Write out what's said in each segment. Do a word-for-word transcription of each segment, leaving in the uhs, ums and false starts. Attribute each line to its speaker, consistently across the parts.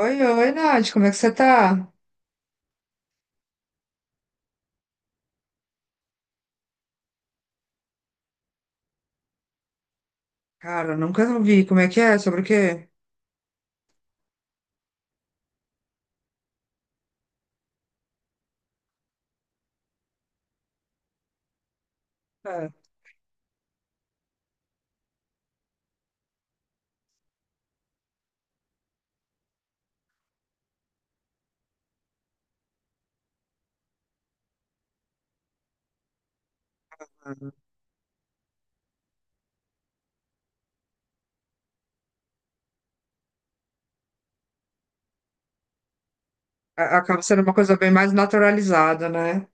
Speaker 1: Oi, oi, Nath, como é que você tá? Cara, nunca vi. Como é que é? Sobre o quê? Ah, A- Acaba sendo uma coisa bem mais naturalizada, né?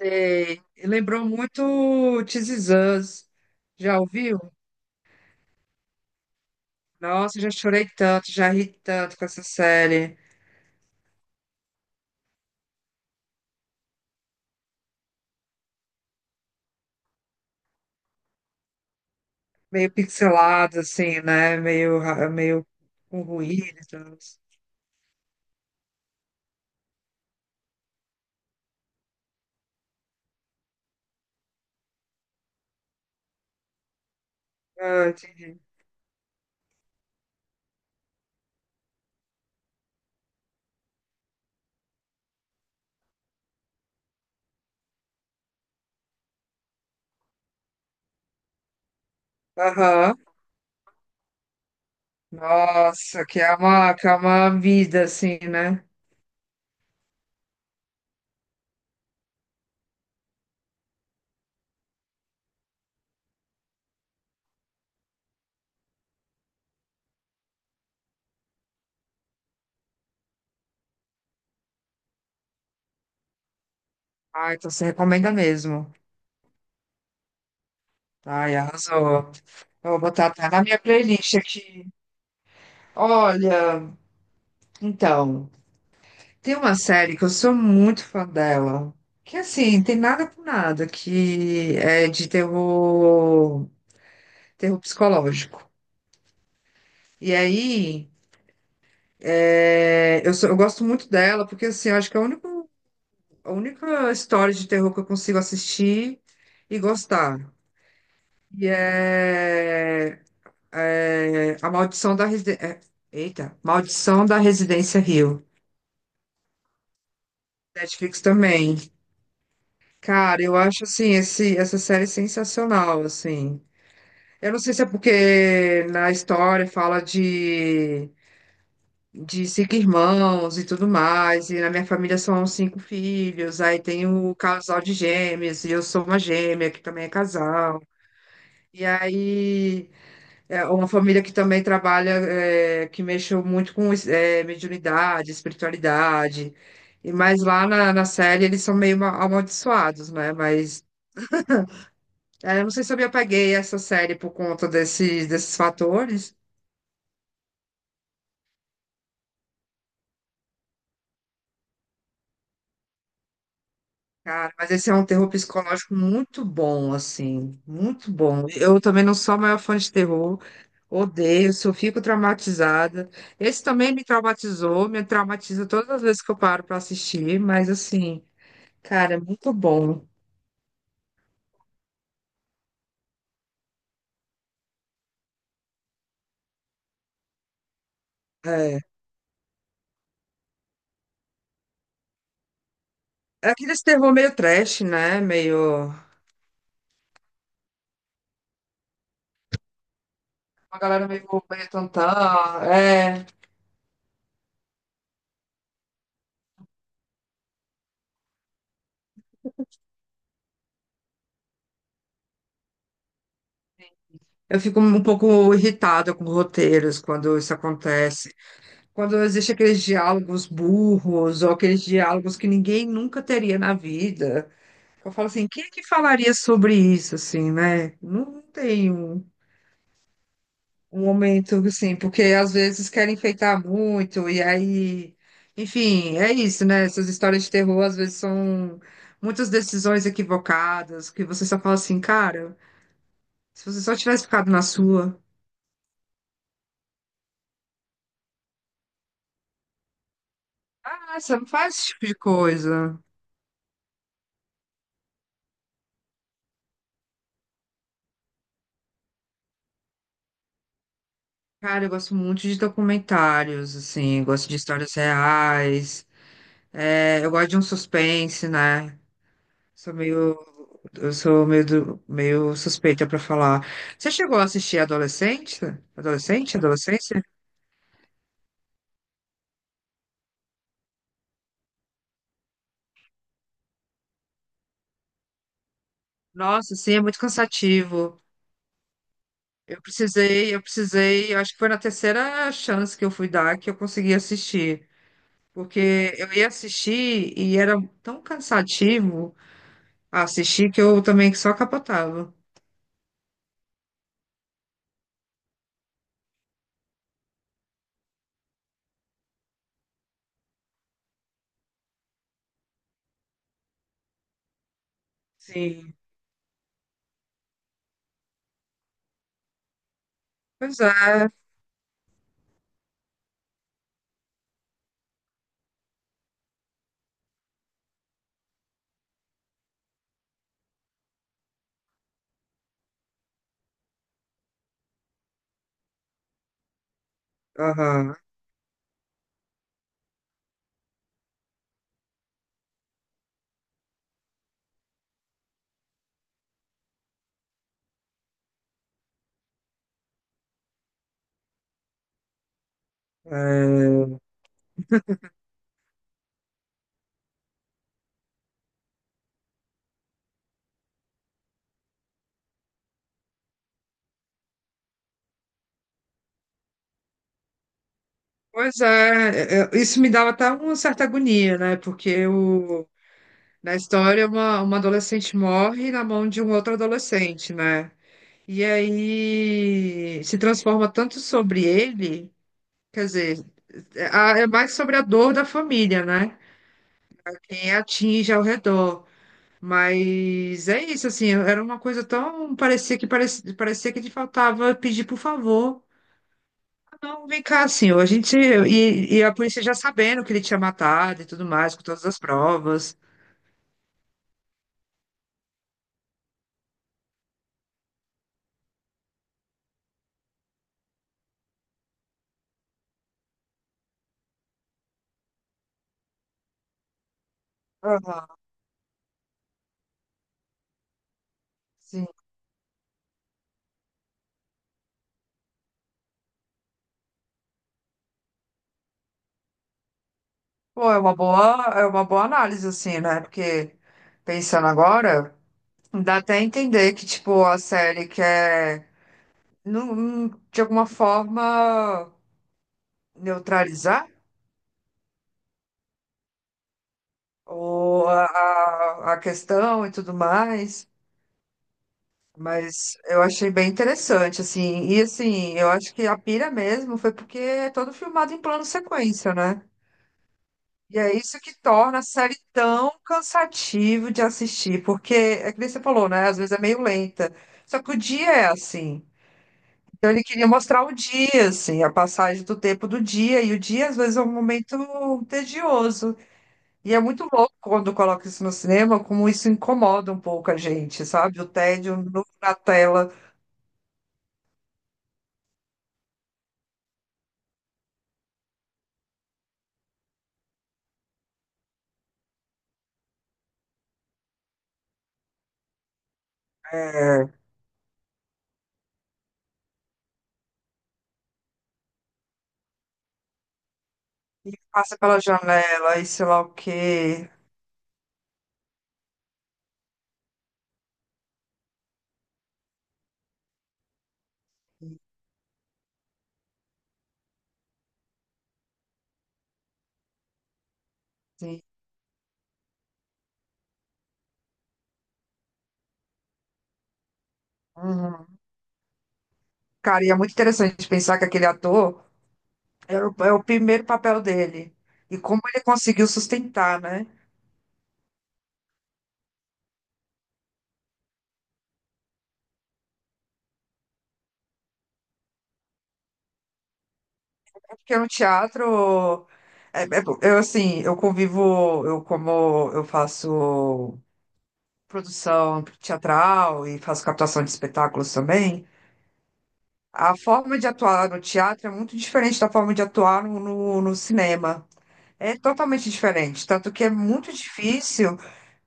Speaker 1: Sei. E Lembrou muito This Is Us. Já ouviu? Nossa, já chorei tanto, já ri tanto com essa série. Meio pixelada, assim, né? Meio, ra- meio com ruído e tal. Ah, entendi. Aham. Nossa, que é uma, que é uma vida, assim, né? Ah, então você recomenda mesmo. Ai, arrasou. Eu vou botar até na minha playlist aqui. Olha, então, tem uma série que eu sou muito fã dela. Que assim, tem nada com nada, que é de terror, terror psicológico. E aí, é, eu, sou- eu gosto muito dela, porque assim, eu acho que é a única, a única história de terror que eu consigo assistir e gostar. E é É a Maldição da Residência. Eita, Maldição da Residência Rio. Netflix também. Cara, eu acho assim, esse, essa série sensacional, assim. Eu não sei se é porque na história fala de, de cinco irmãos e tudo mais, e na minha família são cinco filhos, aí tem o casal de gêmeos e eu sou uma gêmea, que também é casal. E aí é uma família que também trabalha, é, que mexeu muito com é, mediunidade, espiritualidade. E mas lá na, na série eles são meio ma- amaldiçoados, né? Mas é, eu não sei se eu me apeguei a essa série por conta desses, desses fatores. Cara, mas esse é um terror psicológico muito bom, assim, muito bom. Eu também não sou a maior fã de terror, odeio, só fico traumatizada. Esse também me traumatizou, me traumatiza todas as vezes que eu paro para assistir, mas assim. Cara, é muito bom. É. É aquele terror meio trash, né? Meio. Uma galera meio, meio tantã. É. Eu fico um pouco irritada com roteiros quando isso acontece. Quando existe aqueles diálogos burros ou aqueles diálogos que ninguém nunca teria na vida. Eu falo assim, quem é que falaria sobre isso, assim, né? Não tem um. Um momento, assim, porque às vezes querem enfeitar muito, e aí, enfim, é isso, né? Essas histórias de terror às vezes são muitas decisões equivocadas, que você só fala assim, cara, se você só tivesse ficado na sua, ah, você não faz esse tipo de coisa. Cara, eu gosto muito de documentários, assim, eu gosto de histórias reais, é, eu gosto de um suspense, né? Sou meio Eu sou meio, do- meio suspeita pra falar. Você chegou a assistir Adolescente? Adolescente? Adolescência? Nossa, sim, é muito cansativo. Eu precisei, eu precisei, eu acho que foi na terceira chance que eu fui dar que eu consegui assistir. Porque eu ia assistir e era tão cansativo assistir que eu também só capotava. Sim. Pois é. Aham. É, pois é, é, é, isso me dava até uma certa agonia, né? Porque eu, Na história, uma, uma adolescente morre na mão de um outro adolescente, né? E aí se transforma tanto sobre ele, quer dizer, é, a- é mais sobre a dor da família, né? Quem atinge ao redor. Mas é isso, assim, era uma coisa tão. Parecia que parecia, parecia que te faltava pedir por favor. Não, vem cá, assim, a gente. E, e a polícia já sabendo que ele tinha matado e tudo mais, com todas as provas. Aham, sim. Pô, é uma boa, é uma boa análise, assim, né? Porque pensando agora, dá até entender que, tipo, a série quer, num- de alguma forma, neutralizar ou a, a a questão e tudo mais. Mas eu achei bem interessante, assim. E, assim, eu acho que a pira mesmo foi porque é todo filmado em plano sequência, né? E é isso que torna a série tão cansativo de assistir, porque é que nem você falou, né? Às vezes é meio lenta. Só que o dia é assim. Então ele queria mostrar o dia, assim, a passagem do tempo do dia, e o dia às vezes é um momento tedioso. E é muito louco quando coloca isso no cinema, como isso incomoda um pouco a gente, sabe? O tédio no- na tela, é, e passa pela janela, e sei lá o quê. Sim. Uhum. Cara, e é muito interessante pensar que aquele ator. É o, é o primeiro papel dele. E como ele conseguiu sustentar, né? É. Porque no teatro, é- é- eu assim, eu convivo, eu como eu faço produção teatral e faço captação de espetáculos também, a forma de atuar no teatro é muito diferente da forma de atuar no, no no cinema. É totalmente diferente, tanto que é muito difícil.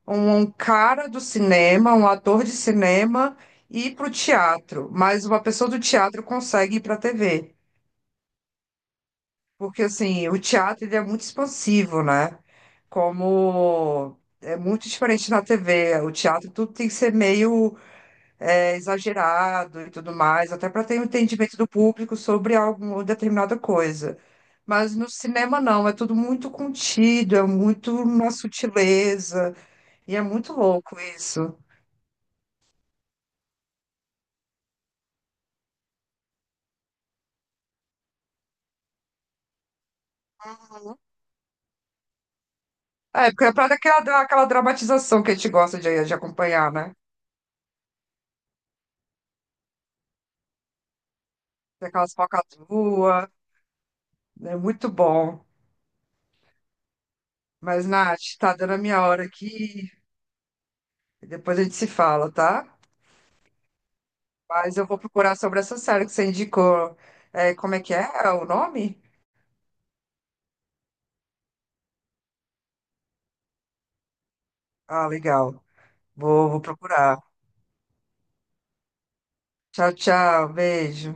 Speaker 1: um um cara do cinema, um ator de cinema, ir para o teatro, mas uma pessoa do teatro consegue ir para a T V, porque assim, o teatro ele é muito expansivo, né? Como é muito diferente na T V, o teatro tudo tem que ser meio é, exagerado e tudo mais, até para ter um entendimento do público sobre alguma determinada coisa. Mas no cinema não, é tudo muito contido, é muito uma sutileza, e é muito louco isso. É, porque é pra dar aquela, aquela dramatização que a gente gosta de, de acompanhar, né? Tem aquelas falcatruas, é muito bom. Mas, Nath, tá dando a minha hora aqui, depois a gente se fala, tá? Mas eu vou procurar sobre essa série que você indicou. É, como é que é é o nome? Ah, legal. Vou, vou procurar. Tchau, tchau, beijo.